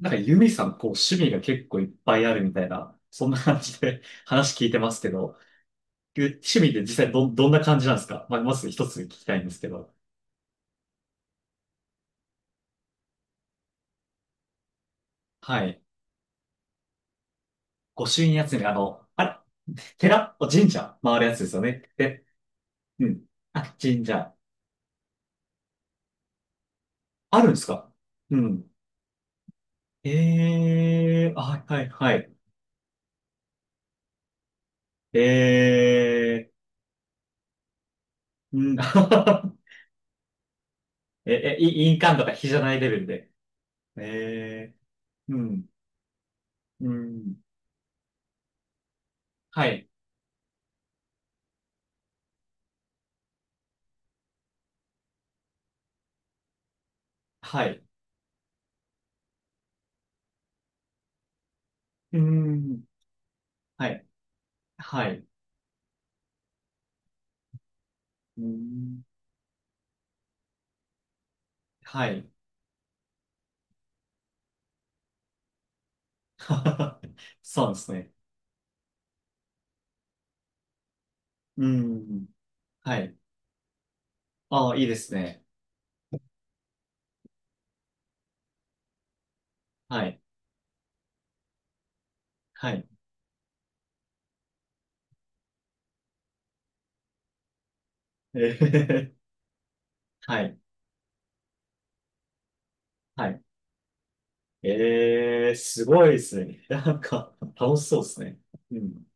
なんかユミさん、こう、趣味が結構いっぱいあるみたいな、そんな感じで 話聞いてますけど、趣味って実際どんな感じなんですか？まあ、まず一つ聞きたいんですけど。はい。御朱印集め、あの、あれ、寺、神社回るやつですよね。で、うん。あ、神社。あるんですか？うん。ええー、あ、はいはい。ええー、うん。え、え、い印鑑とか比じゃないレベルで。ええー、うん、うん。はい、はい。うん。はい。はい。うーん。はい。そうですね。うーん。はい。ああ、いいですね。はい。はい。えー、はい。はい。えー、すごいですね。なんか、楽しそうですね。うん。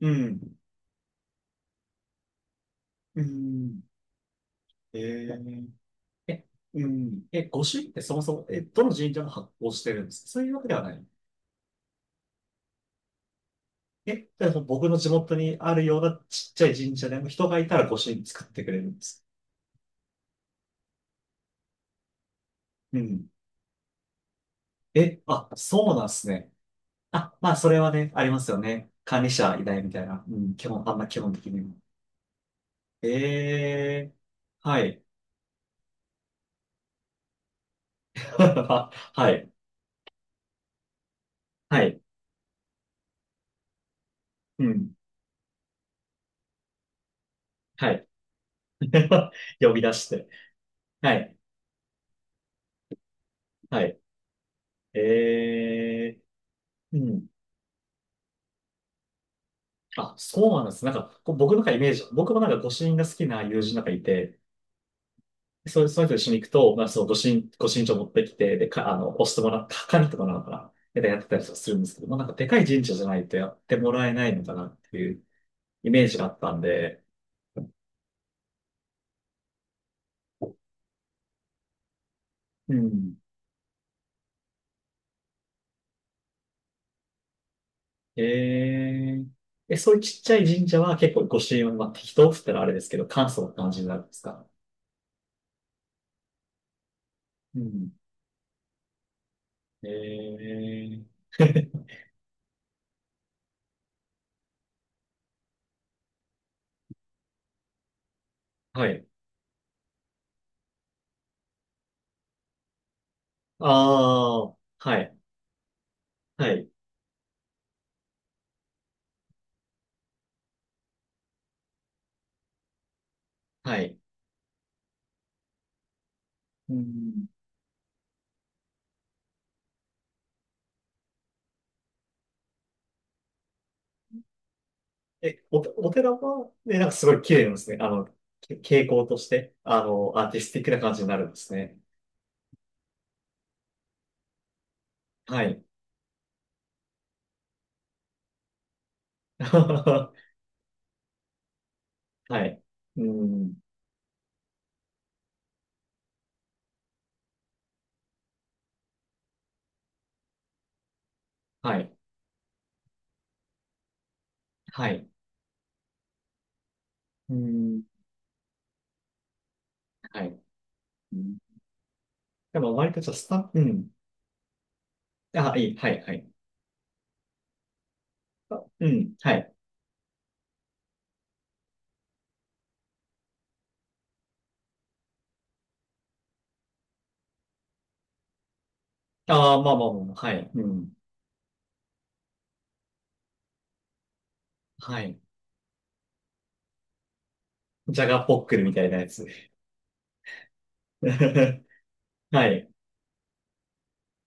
うん。うん。えー、え、うん。え、御朱印ってそもそも、どの神社が発行してるんですか？そういうわけではない。え、じゃあ僕の地元にあるようなちっちゃい神社でも人がいたら御朱印作ってくれるんです。うん。え、あ、そうなんですね。あ、まあ、それはね、ありますよね。管理者偉大みたいな。うん、基本、あんな基本的にも。ええ、はい。はい。はい。うん。はい。呼び出して。はい。はい。ええ、うん。あ、そうなんです。なんか、こう僕のなんかイメージ、僕もなんかご主人が好きな友人なんかいて、そういう人と一緒に行くと、まあ、その、ご身長持ってきて、で、か、あの、押してもらった、管理とかなのかな。で、やってたりするんですけど、まあ、なんか、でかい神社じゃないとやってもらえないのかなっていうイメージがあったんで、うん。えー、そういうちっちゃい神社は結構ご支援は、まあ、適当って言ったらあれですけど、簡素な感じになるんですか？うん。えー、はい。ああ、はい、はい、はい。うん。え、お寺は、ね、なんかすごい綺麗なんですね。け傾向として、アーティスティックな感じになるんですね。はい。はい。うん。はい。はい。うん。はい。うん。でも、割とちょっとスタッフ、うん。あ、いい。はい、はい。あ、うん。はい。ああ、まあまあまあ、はい。うん。はい。ジャガポックルみたいなやつ。はい。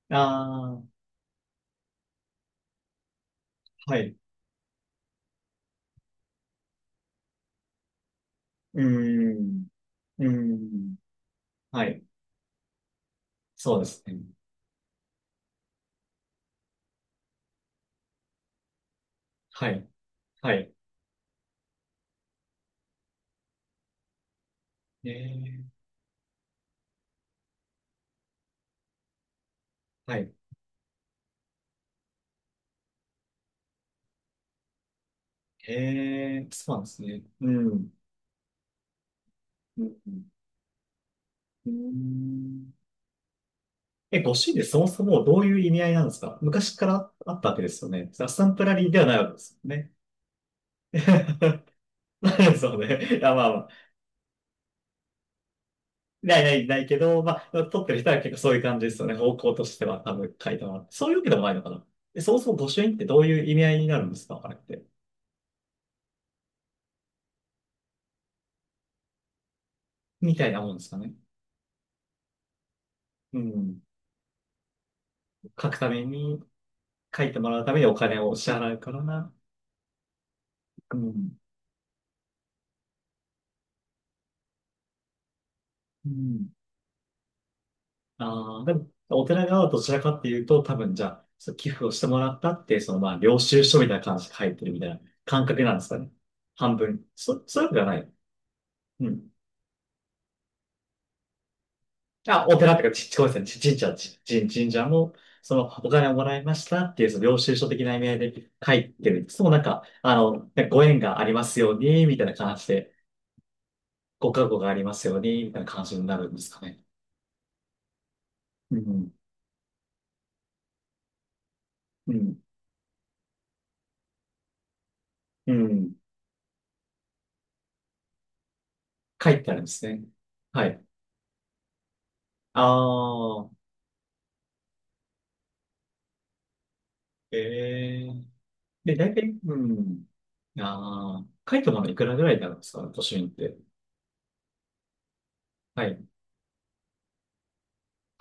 ああ、はい。うーん。うーん。はい。そうですね。はい。はい。えー、はい。ええ、そうなんですね。うん。うん、うん。え、ご主人でそもそもどういう意味合いなんですか？昔からあったわけですよね。アッサンプラリーではないわけですよね。ないですよね。いや、まあまあ、ないないないけど、まあ、撮ってる人は結構そういう感じですよね。方向としては多分書いてもらって。そういうわけでもないのかな。え、そもそも御朱印ってどういう意味合いになるんですか？あれって。みたいなもんですかね。うん。書くために、書いてもらうためにお金を支払うからな。うん。うん。ああ、でも、お寺側はどちらかっていうと、多分じゃあ、その寄付をしてもらったって、そのまあ、領収書みたいな感じで書いてるみたいな感覚なんですかね。半分。そういうわけじゃない。うん。あ、お寺っていうか、ごめんなさい、ち神社、ち、神神社も、その、お金をもらいましたっていう、その領収書的な意味合いで書いてる。そう、なんか、ねご縁がありますように、みたいな感じで、ご加護がありますように、みたいな感じになるんですかね。うん。うん。うん。書いてあるんですね。はい。ああ。ええ。で、大体、うん。ああ、カイトなのいくらぐらいになるんですか？都心って。はい、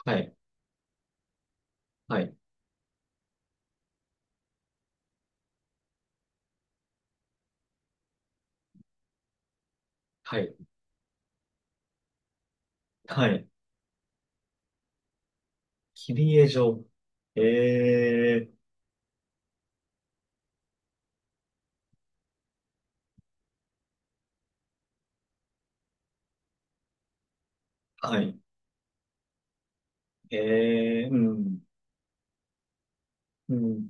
はい、はい、はい、はい。切り絵場。ええ、はい、ええ、うん、うん。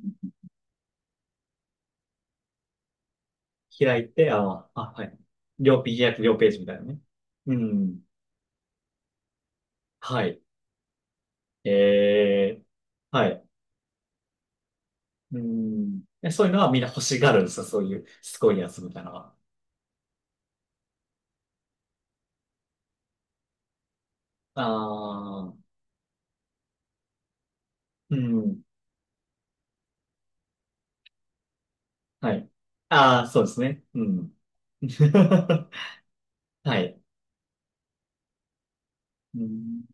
開いて、ああ、はい。両ページ、約両ページみたいなね。うん、はい、ええ、はい、うん。え、そういうのはみんな欲しがるんですよ、そういう、すごいやつみたいなのは。ああ、うん。はい。ああ、そうですね。うん。はい。うん、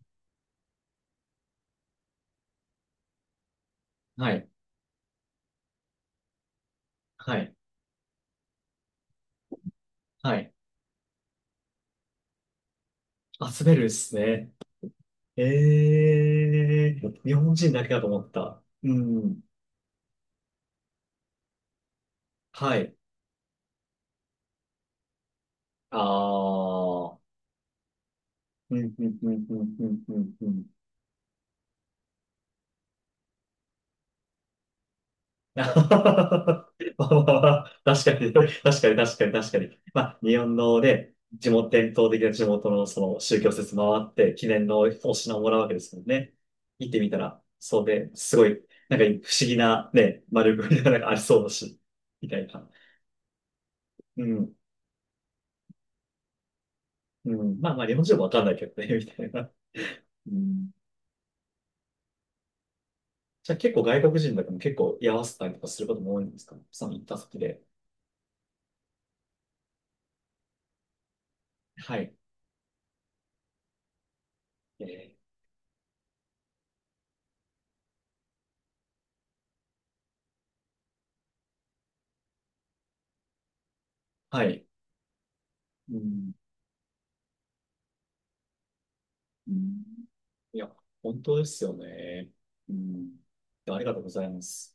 はい。はい。はい。あ、滑るですね。ええー、日本人だけだと思った。うん。はい。ああ。うん、うん、うん、うん、うん、うん。うん まあまあまあ、確かに、確かに、確かに、確かに。まあ、日本のね、地元、伝統的な地元のその宗教施設回って、記念のお品をもらうわけですもんね。行ってみたら、そうで、すごい、なんか不思議なね、丸くみたいなのがありそうだし、みたいな。うん、うん。まあまあ、日本人もわかんないけどね、みたいな。うん。じゃあ結構外国人だけど結構居合わせたりとかすることも多いんですか？その行った先で。はい。えー、はい。うん、うん。いや、本当ですよね。うん。ありがとうございます。